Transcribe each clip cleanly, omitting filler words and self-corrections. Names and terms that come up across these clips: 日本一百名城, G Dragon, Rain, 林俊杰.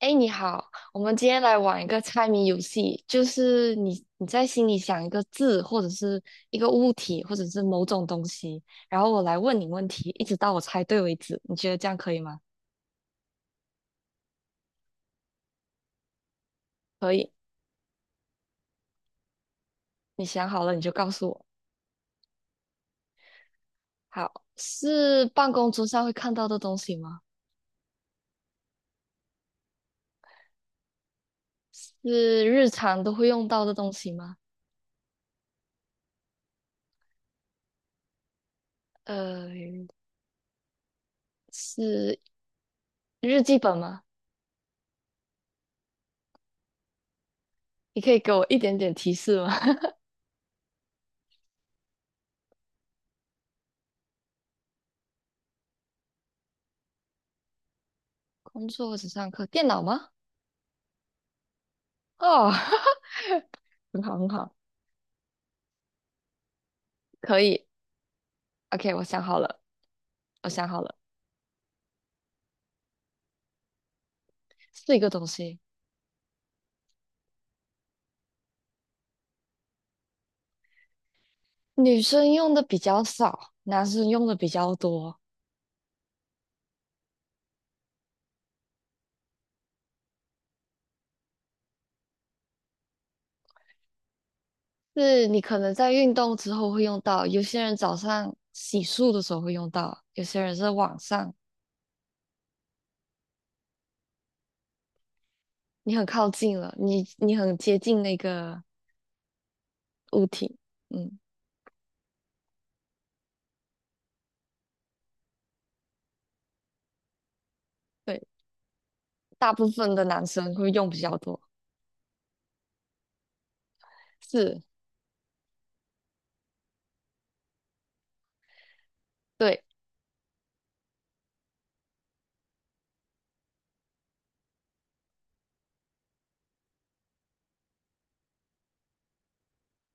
哎，你好，我们今天来玩一个猜谜游戏，就是你在心里想一个字，或者是一个物体，或者是某种东西，然后我来问你问题，一直到我猜对为止。你觉得这样可以吗？可以，你想好了你就告诉我。好，是办公桌上会看到的东西吗？是日常都会用到的东西吗？呃，是日记本吗？你可以给我一点点提示吗？工作或者上课，电脑吗？哦，很好很好。可以，OK，我想好了，我想好了，四个东西，女生用的比较少，男生用的比较多。是你可能在运动之后会用到，有些人早上洗漱的时候会用到，有些人是晚上，你很靠近了，你很接近那个物体，嗯，对，大部分的男生会用比较多，是，对。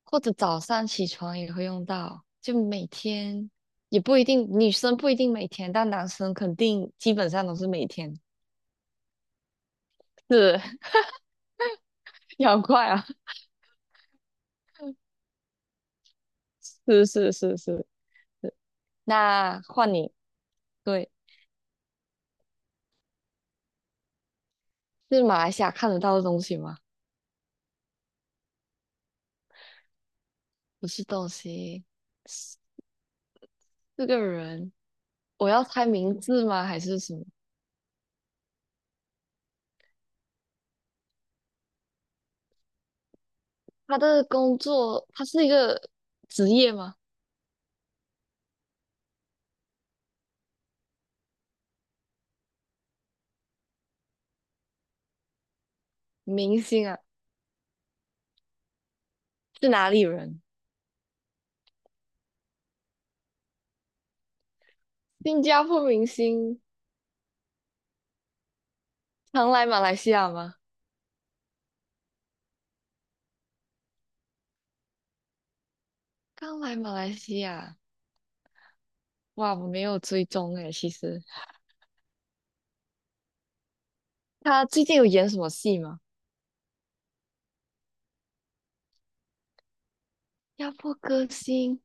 或者早上起床也会用到，就每天也不一定，女生不一定每天，但男生肯定基本上都是每天。是，你好快啊！是是是是是。那换你，对，是马来西亚看得到的东西吗？不是东西，是个人。我要猜名字吗？还是什么？他的工作，他是一个职业吗？明星啊，是哪里人？新加坡明星常来马来西亚吗？刚来马来西亚，哇，我没有追踪诶，其实他最近有演什么戏吗？压迫歌星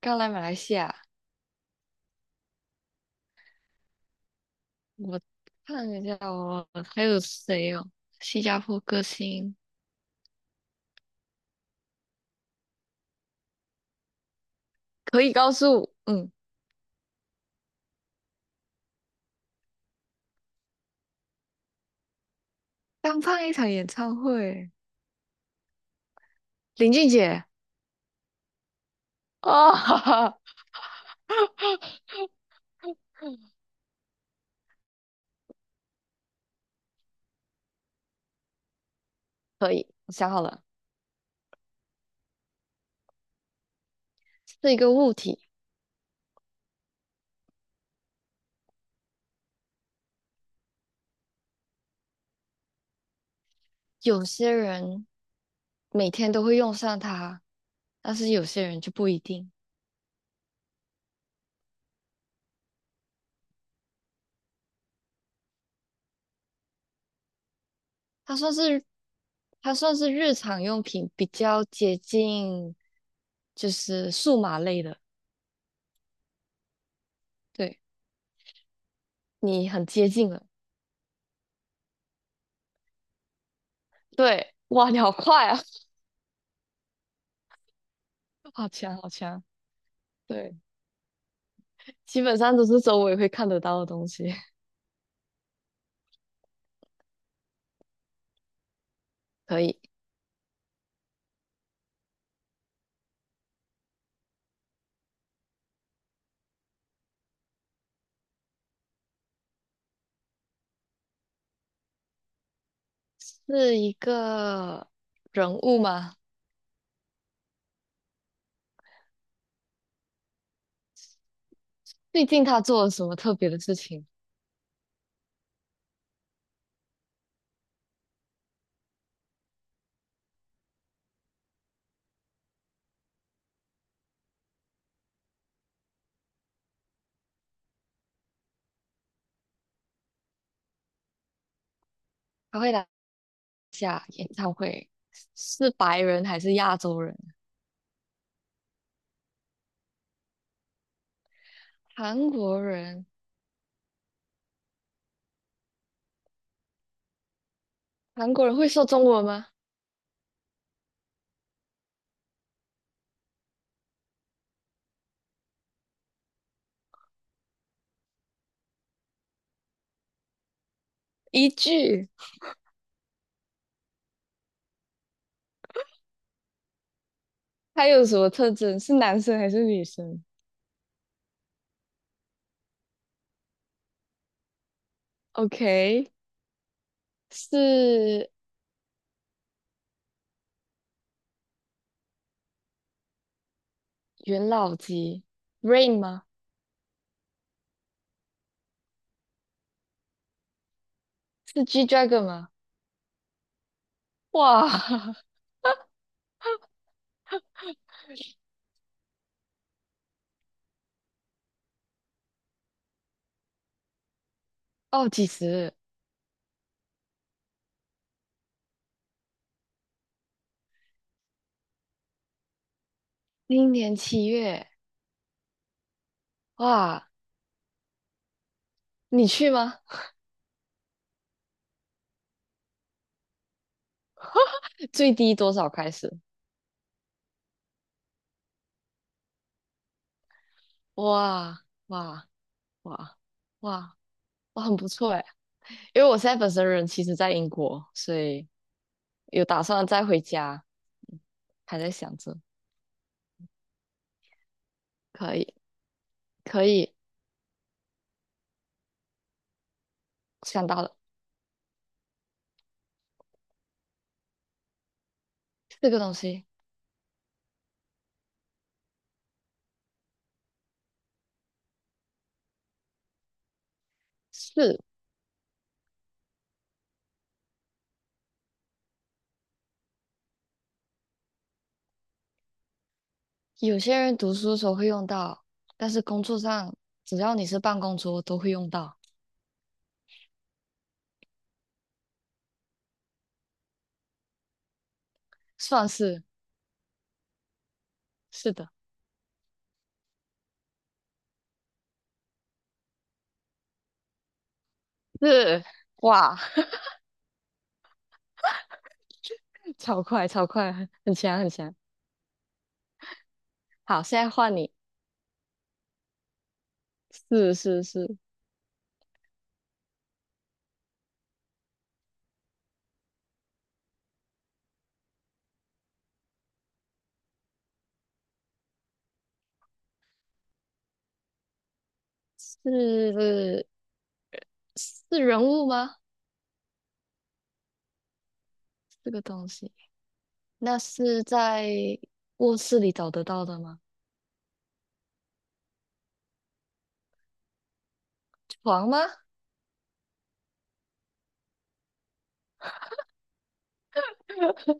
刚来马来西亚，我看一下哦，还有谁哦？新加坡歌星可以告诉，嗯，刚办一场演唱会，林俊杰哦，哈哈，可以，我想好了，是一个物体，有些人每天都会用上它，但是有些人就不一定。他算是它算是日常用品，比较接近，就是数码类的。对，你很接近了。对，哇，你好快啊，好强，好强。对，基本上都是周围会看得到的东西。可以，是一个人物吗？最近他做了什么特别的事情？他会来下演唱会，是白人还是亚洲人？韩国人？韩国人会说中文吗？一句。它有什么特征？是男生还是女生？OK，是元老级 Rain 吗？是 G Dragon 吗？哇，哦，几时？今年7月。哇，你去吗？最低多少开始？哇哇哇哇，哇，很不错哎。因为我现在本身人其实在英国，所以有打算再回家，还在想着，可以可以想到了，四个东西是。有些人读书的时候会用到，但是工作上只要你是办公桌都会用到，算是是的，是哇，超快超快，很强很强。好，现在换你，是是是是是人物吗？这个东西，那是在卧室里找得到的吗？床吗？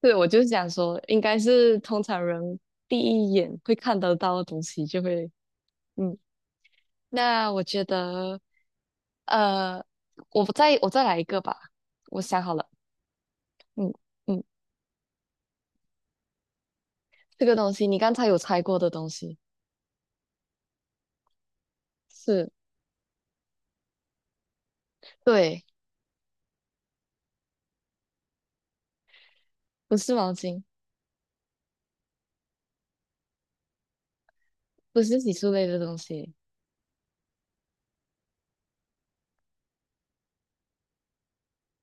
对，我就想说，应该是通常人第一眼会看得到的东西，就会嗯那我觉得，呃，我再来一个吧。我想好了，嗯嗯，这个东西你刚才有猜过的东西是，对，不是毛巾，不是洗漱类的东西，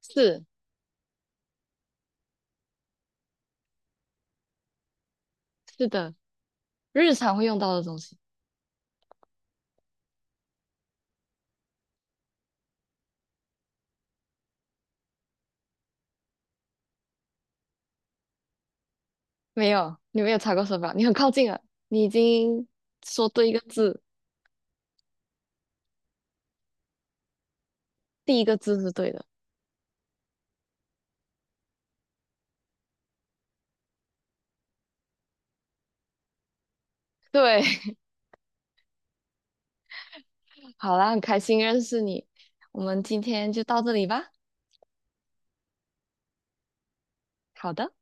是是的，日常会用到的东西。没有，你没有猜过手表，你很靠近了，你已经说对一个字，第一个字是对的。对，好啦，很开心认识你，我们今天就到这里吧。好的。